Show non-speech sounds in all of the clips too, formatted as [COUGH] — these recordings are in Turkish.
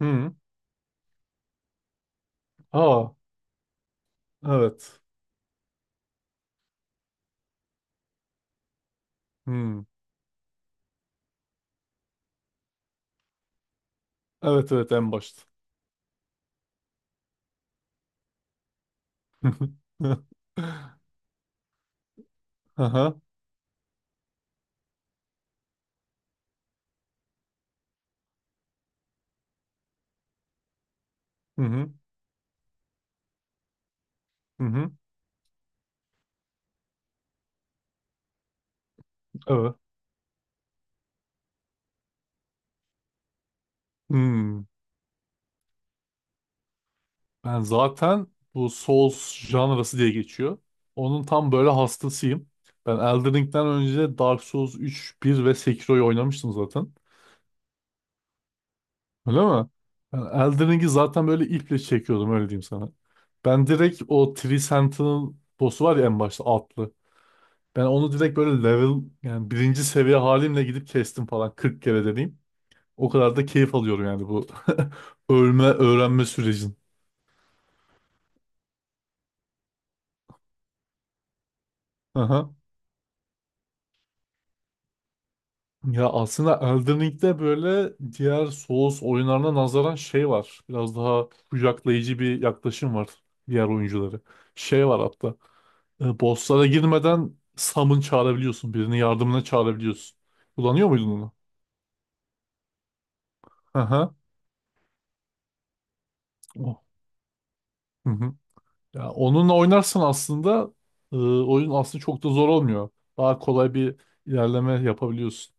Hı. Aa, evet. Hı. Evet evet en başta. [LAUGHS] Aha. Hı hı. Hı hı. Evet. Hmm. Ben zaten bu Souls janrası diye geçiyor. Onun tam böyle hastasıyım. Ben Elden Ring'den önce Dark Souls 3, bir ve Sekiro'yu oynamıştım zaten. Öyle mi? Ben Elden Ring'i zaten böyle iple çekiyordum, öyle diyeyim sana. Ben direkt o Three Sentinel boss'u var ya en başta altlı. Ben onu direkt böyle level, yani birinci seviye halimle gidip kestim falan 40 kere deneyim. O kadar da keyif alıyorum yani bu [LAUGHS] ölme öğrenme sürecin. Aha. Ya aslında Elden Ring'de böyle diğer Souls oyunlarına nazaran şey var. Biraz daha kucaklayıcı bir yaklaşım var diğer oyuncuları. Şey var hatta. Bosslara girmeden summon çağırabiliyorsun. Birini yardımına çağırabiliyorsun. Kullanıyor muydun onu? Aha. Oh. Hı hı. Ya onunla oynarsan aslında oyun aslında çok da zor olmuyor. Daha kolay bir ilerleme yapabiliyorsun.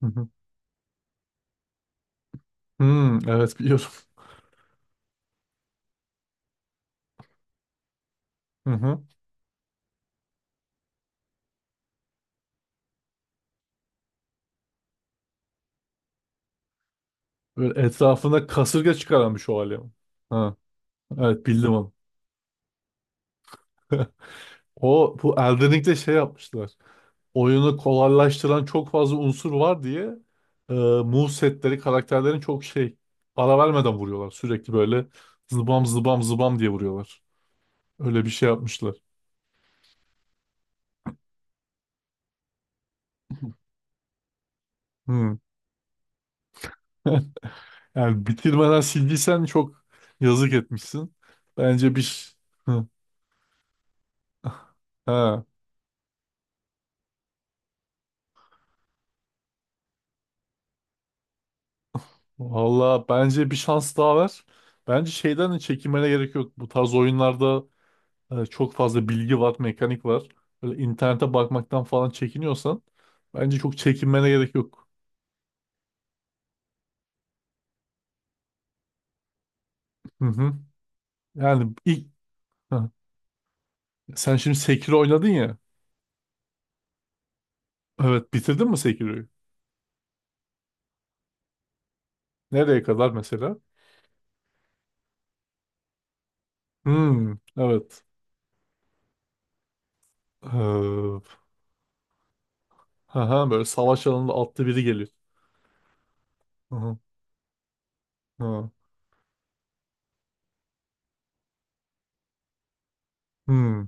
Hı hı. Hmm, evet biliyorum. [LAUGHS] Hı hı. Böyle etrafında kasırga çıkaranmış o alem. Ha, evet bildim onu. [LAUGHS] O bu Elden Ring'de şey yapmışlar. Oyunu kolaylaştıran çok fazla unsur var diye move setleri karakterlerin çok şey, ara vermeden vuruyorlar. Sürekli böyle zıbam zıbam zıbam diye vuruyorlar. Öyle bir şey yapmışlar. Hmm. [LAUGHS] Yani bitirmeden sildiysen çok yazık etmişsin. Bence bir ş- Hı, ha valla bence bir şans daha ver. Bence şeyden de çekinmene gerek yok. Bu tarz oyunlarda çok fazla bilgi var, mekanik var. Böyle internete bakmaktan falan çekiniyorsan bence çok çekinmene gerek yok. Hı hı. Yani ilk Hı. Sen şimdi Sekiro oynadın ya. Evet, bitirdin mi Sekiro'yu? Nereye kadar mesela? Hmm, evet. Hı hı, böyle savaş alanında atlı biri geliyor. Ha. Hmm.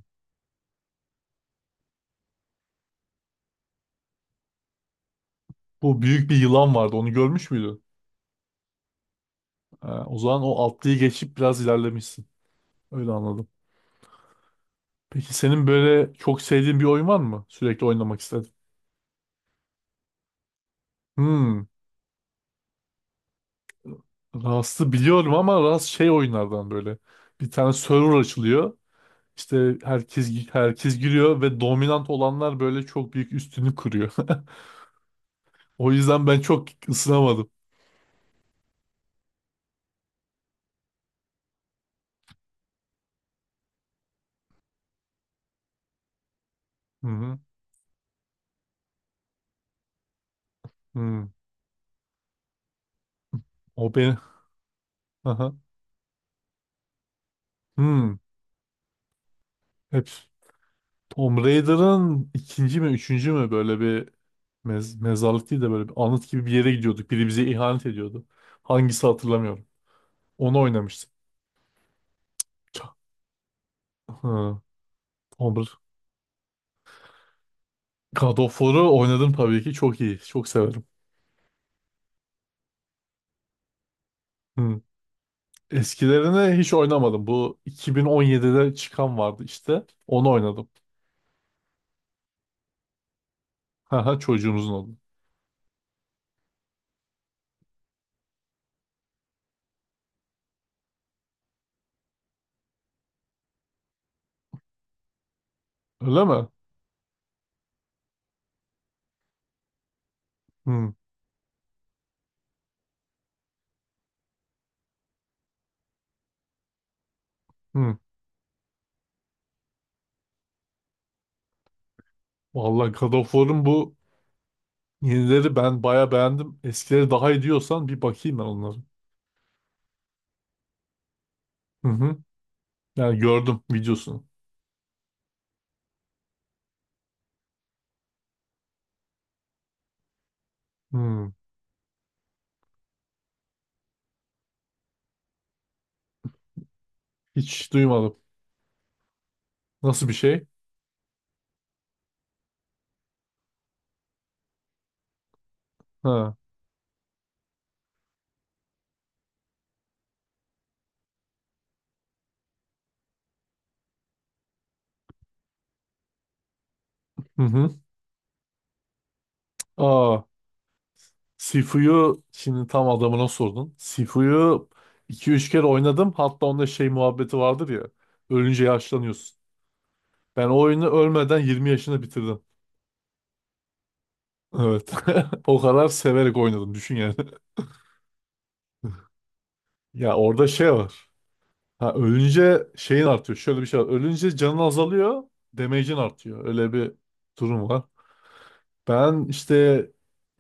Bu büyük bir yılan vardı. Onu görmüş müydün? Ha, o zaman o atlıyı geçip biraz ilerlemişsin. Öyle anladım. Peki senin böyle çok sevdiğin bir oyun var mı? Sürekli oynamak istedim. Hmm. Rust'ı biliyorum ama Rust şey oyunlardan böyle. Bir tane server açılıyor. İşte herkes herkes giriyor ve dominant olanlar böyle çok büyük üstünü kuruyor. [LAUGHS] O yüzden ben çok ısınamadım. Hı hı. Hmm. O beni. Aha. Hı, Hmm. Hep. Tomb Raider'ın ikinci mi üçüncü mü, böyle bir mezarlık değil de böyle bir anıt gibi bir yere gidiyorduk. Biri bize ihanet ediyordu. Hangisi hatırlamıyorum. Onu oynamıştım. Ç- Hı, Tomb Raider. God of War'u oynadım tabii ki. Çok iyi. Çok severim. Hı. Eskilerini hiç oynamadım. Bu 2017'de çıkan vardı işte. Onu oynadım. Haha, çocuğumuzun oldu. Öyle mi? Hı, hı. Vallahi God of War'un bu yenileri ben baya beğendim. Eskileri daha iyi diyorsan bir bakayım ben onları. Hı hı. Yani gördüm videosunu. Hmm. Hiç duymadım. Nasıl bir şey? Ha. Hı hı. Aa, Sifu'yu şimdi tam adamına sordun. Sifu'yu iki üç kere oynadım. Hatta onda şey muhabbeti vardır ya. Ölünce yaşlanıyorsun. Ben o oyunu ölmeden 20 yaşında bitirdim. Evet. [LAUGHS] O kadar severek oynadım. Düşün yani. [LAUGHS] Ya orada şey var. Ha, ölünce şeyin artıyor. Şöyle bir şey var. Ölünce canın azalıyor. Damage'in artıyor. Öyle bir durum var. Ben işte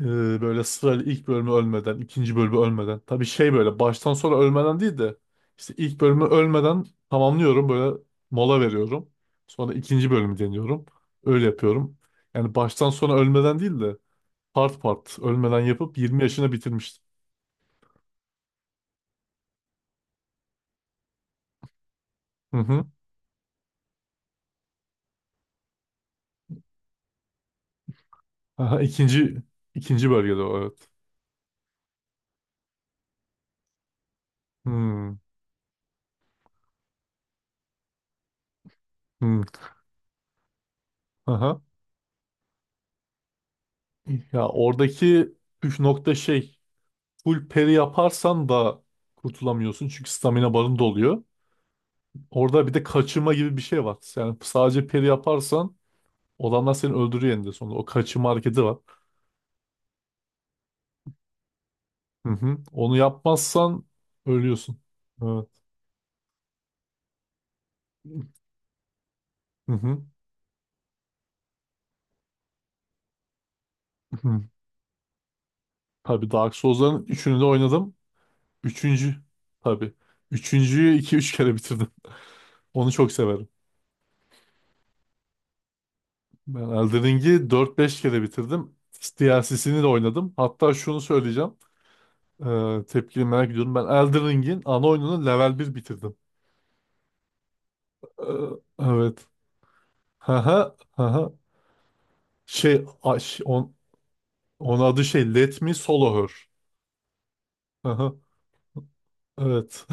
e, böyle sırayla ilk bölümü ölmeden, ikinci bölümü ölmeden. Tabii şey, böyle baştan sonra ölmeden değil de işte ilk bölümü ölmeden tamamlıyorum. Böyle mola veriyorum. Sonra ikinci bölümü deniyorum. Öyle yapıyorum. Yani baştan sona ölmeden değil de part part ölmeden yapıp 20 yaşına bitirmiştim. Hı hı. Aha, ikinci, ikinci bölgede o, evet. Hmm. Hmm. Aha. Ya oradaki püf nokta şey. Full peri yaparsan da kurtulamıyorsun. Çünkü stamina barın doluyor. Orada bir de kaçırma gibi bir şey var. Yani sadece peri yaparsan olanlar seni öldürüyor eninde sonunda. O kaçırma hareketi var. Hı hı. Onu yapmazsan ölüyorsun. Evet. Hı hı. Hı. Tabii Dark Souls'ların üçünü de oynadım. Üçüncü tabii. Üçüncüyü iki üç kere bitirdim. Onu çok severim. Ben Elden Ring'i 4-5 kere bitirdim. DLC'sini de oynadım. Hatta şunu söyleyeceğim. Tepkini merak ediyorum. Ben Elden Ring'in ana oyununu level bir bitirdim. Ee, evet. Haha. Haha. Şey, onun adı şey Let Me Solo Her. Haha. Evet.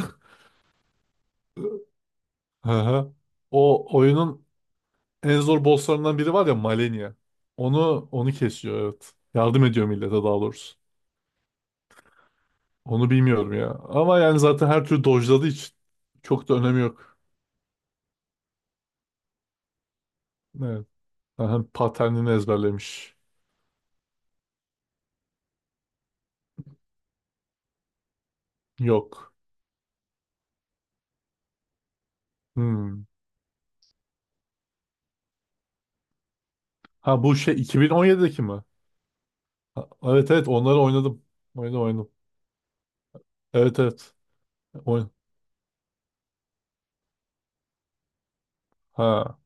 [LAUGHS] Haha. O oyunun en zor bosslarından biri var ya, Malenia. Onu kesiyor, evet. Yardım ediyor millete daha doğrusu. Onu bilmiyorum ya. Ama yani zaten her türlü dojladığı için çok da önemi yok. Evet. Aha, paternini ezberlemiş. Yok. Hmm. Ha bu şey 2017'deki mi? Ha, evet evet onları oynadım. Oynadım oynadım. Evet evet. Oyn ha.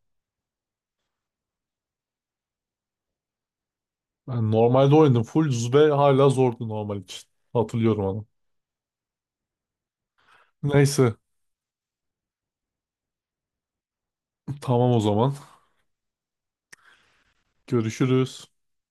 Ben normalde oynadım. Full Zube hala zordu normal için. Hatırlıyorum onu. Neyse. Tamam o zaman. Görüşürüz.